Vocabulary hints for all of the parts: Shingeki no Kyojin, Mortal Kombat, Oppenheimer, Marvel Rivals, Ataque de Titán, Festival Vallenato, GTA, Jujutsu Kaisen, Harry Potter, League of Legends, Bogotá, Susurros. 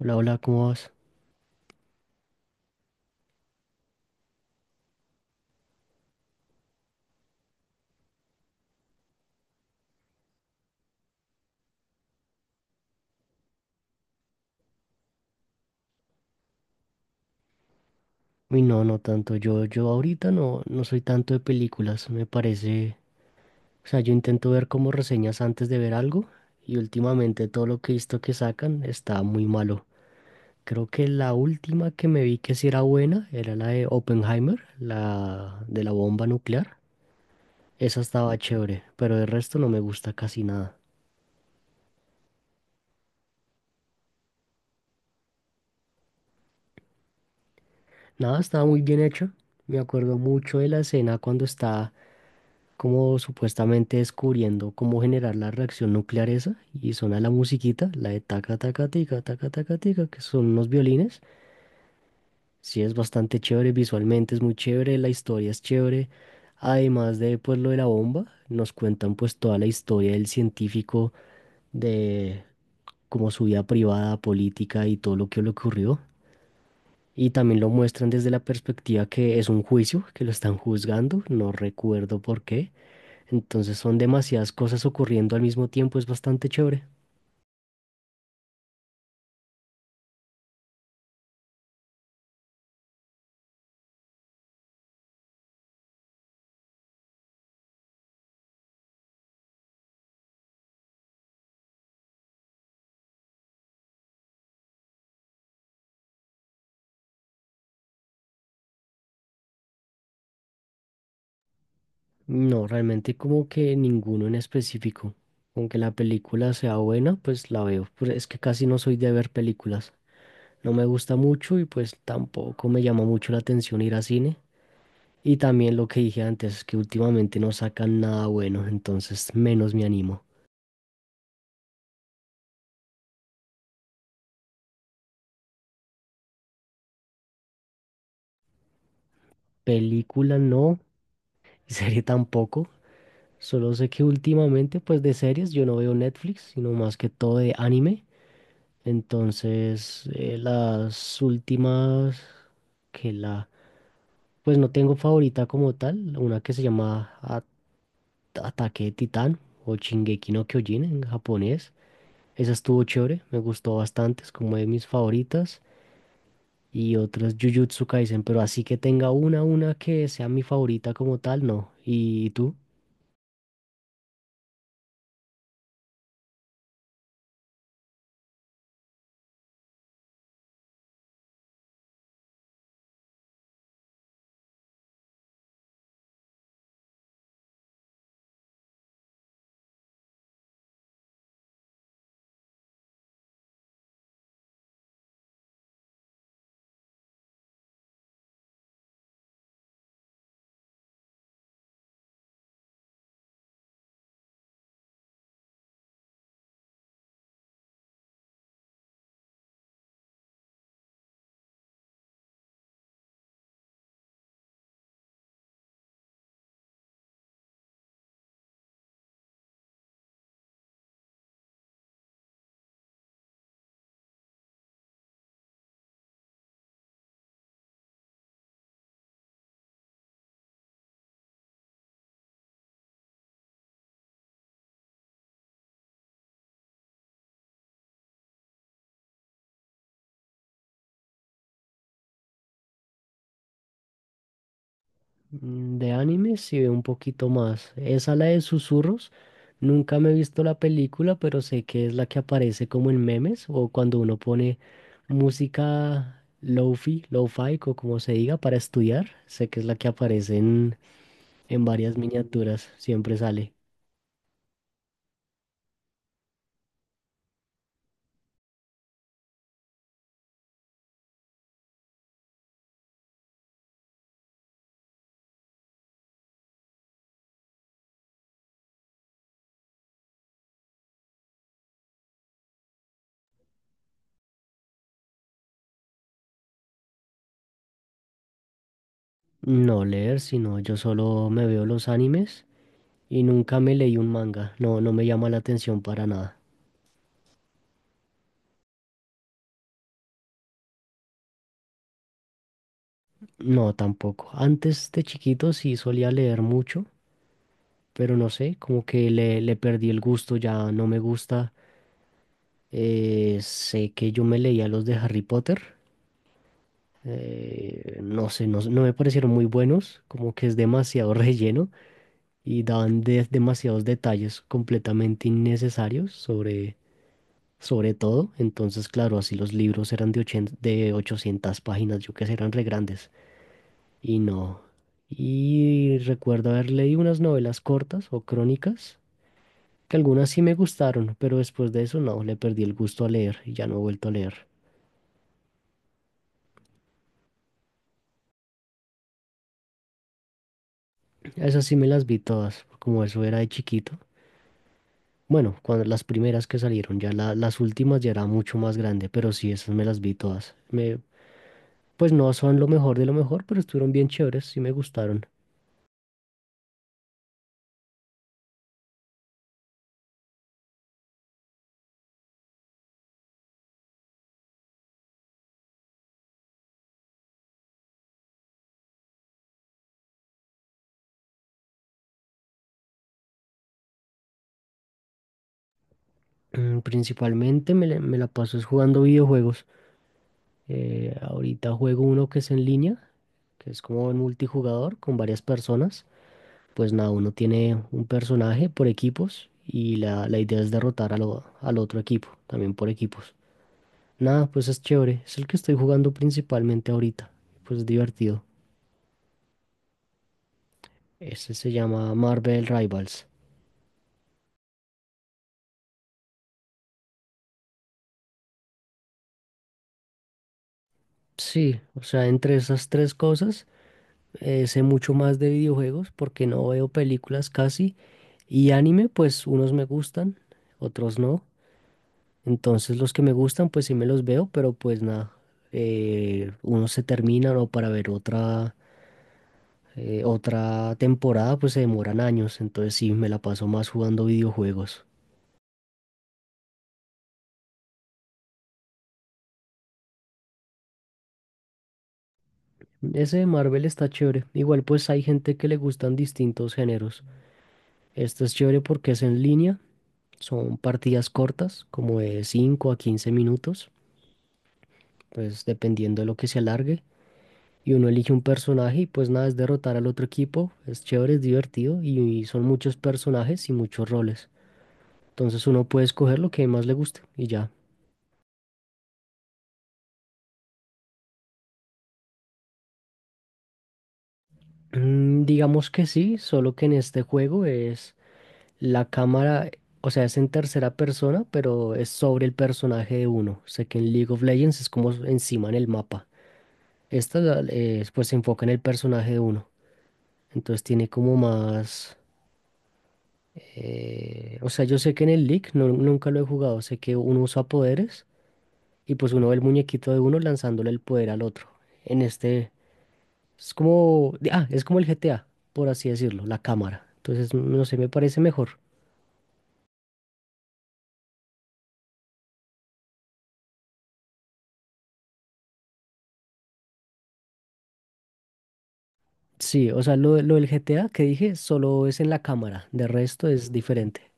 Hola, hola, ¿cómo vas? Uy, no, no tanto. Yo ahorita no soy tanto de películas, me parece. O sea, yo intento ver como reseñas antes de ver algo y últimamente todo lo que he visto que sacan está muy malo. Creo que la última que me vi que sí era buena era la de Oppenheimer, la de la bomba nuclear. Esa estaba chévere, pero el resto no me gusta casi nada. Nada, estaba muy bien hecho. Me acuerdo mucho de la escena cuando está como supuestamente descubriendo cómo generar la reacción nuclear esa y suena la musiquita, la de taca taca tica, que son unos violines. Sí, es bastante chévere, visualmente es muy chévere, la historia es chévere. Además de pues lo de la bomba, nos cuentan pues toda la historia del científico, de como su vida privada, política y todo lo que le ocurrió. Y también lo muestran desde la perspectiva que es un juicio, que lo están juzgando, no recuerdo por qué. Entonces son demasiadas cosas ocurriendo al mismo tiempo, es bastante chévere. No, realmente como que ninguno en específico. Aunque la película sea buena, pues la veo. Pero es que casi no soy de ver películas. No me gusta mucho y pues tampoco me llama mucho la atención ir a cine. Y también lo que dije antes, que últimamente no sacan nada bueno, entonces menos me animo. Película no, serie tampoco. Solo sé que últimamente, pues de series, yo no veo Netflix, sino más que todo de anime. Entonces, las últimas que la... Pues no tengo favorita como tal, una que se llama Ataque de Titán o Shingeki no Kyojin en japonés. Esa estuvo chévere, me gustó bastante, es como de mis favoritas. Y otras Jujutsu Kaisen, pero así que tenga una que sea mi favorita como tal, no. ¿Y tú? Mm, de anime sí veo un poquito más. Esa la de Susurros. Nunca me he visto la película, pero sé que es la que aparece como en memes o cuando uno pone música lofi, lo-fi o como se diga para estudiar. Sé que es la que aparece en varias miniaturas. Siempre sale. No leer, sino yo solo me veo los animes y nunca me leí un manga. No, no me llama la atención para nada. No, tampoco. Antes de chiquito sí solía leer mucho, pero no sé, como que le perdí el gusto, ya no me gusta. Sé que yo me leía los de Harry Potter, no sé, no me parecieron muy buenos, como que es demasiado relleno y daban demasiados detalles completamente innecesarios sobre todo. Entonces, claro, así los libros eran de 800 páginas, yo que sé, eran re grandes y no. Y recuerdo haber leído unas novelas cortas o crónicas que algunas sí me gustaron, pero después de eso no, le perdí el gusto a leer y ya no he vuelto a leer. Esas sí me las vi todas, como eso era de chiquito. Bueno, cuando las primeras que salieron, ya las últimas ya era mucho más grande, pero sí, esas me las vi todas. Pues no son lo mejor de lo mejor, pero estuvieron bien chéveres, sí me gustaron. Mm, principalmente me la paso es jugando videojuegos. Ahorita juego uno que es en línea, que es como en multijugador con varias personas. Pues nada, uno tiene un personaje por equipos y la idea es derrotar a al otro equipo, también por equipos. Nada, pues es chévere, es el que estoy jugando principalmente ahorita, pues es divertido. Ese se llama Marvel Rivals. Sí, o sea, entre esas tres cosas, sé mucho más de videojuegos porque no veo películas casi y anime, pues unos me gustan, otros no. Entonces los que me gustan, pues sí me los veo, pero pues nada, unos se terminan o para ver otra otra temporada pues se demoran años, entonces sí, me la paso más jugando videojuegos. Ese de Marvel está chévere. Igual pues hay gente que le gustan distintos géneros. Este es chévere porque es en línea, son partidas cortas, como de 5 a 15 minutos, pues dependiendo de lo que se alargue. Y uno elige un personaje y pues nada, es derrotar al otro equipo. Es chévere, es divertido y son muchos personajes y muchos roles. Entonces uno puede escoger lo que más le guste y ya. Mm, digamos que sí, solo que en este juego es la cámara, o sea, es en tercera persona, pero es sobre el personaje de uno. Sé que en League of Legends es como encima en el mapa. Pues se enfoca en el personaje de uno. Entonces tiene como más... o sea, yo sé que en el League nunca lo he jugado. Sé que uno usa poderes y pues uno ve el muñequito de uno lanzándole el poder al otro. En este es como, ah, es como el GTA, por así decirlo, la cámara. Entonces, no sé, me parece mejor. Sí, o sea, lo del GTA que dije solo es en la cámara, de resto es diferente.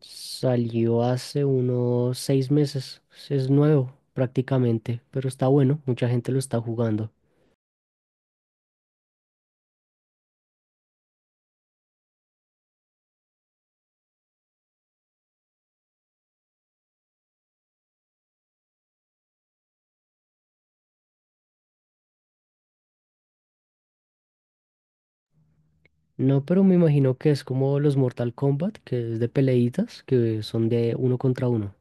Salió hace unos 6 meses, es nuevo prácticamente, pero está bueno, mucha gente lo está jugando. No, pero me imagino que es como los Mortal Kombat, que es de peleitas, que son de uno contra uno.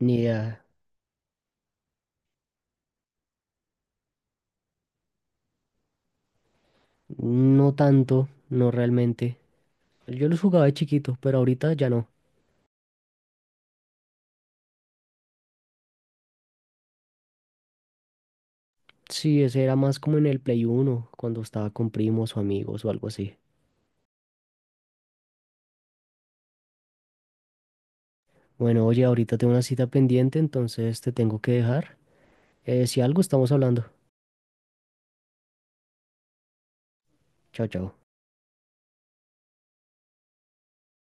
Ni idea, no tanto, no realmente. Yo los jugaba de chiquito, pero ahorita ya no. Sí, ese era más como en el Play uno, cuando estaba con primos o amigos o algo así. Bueno, oye, ahorita tengo una cita pendiente, entonces te tengo que dejar. Si algo, estamos hablando. Chao, chao.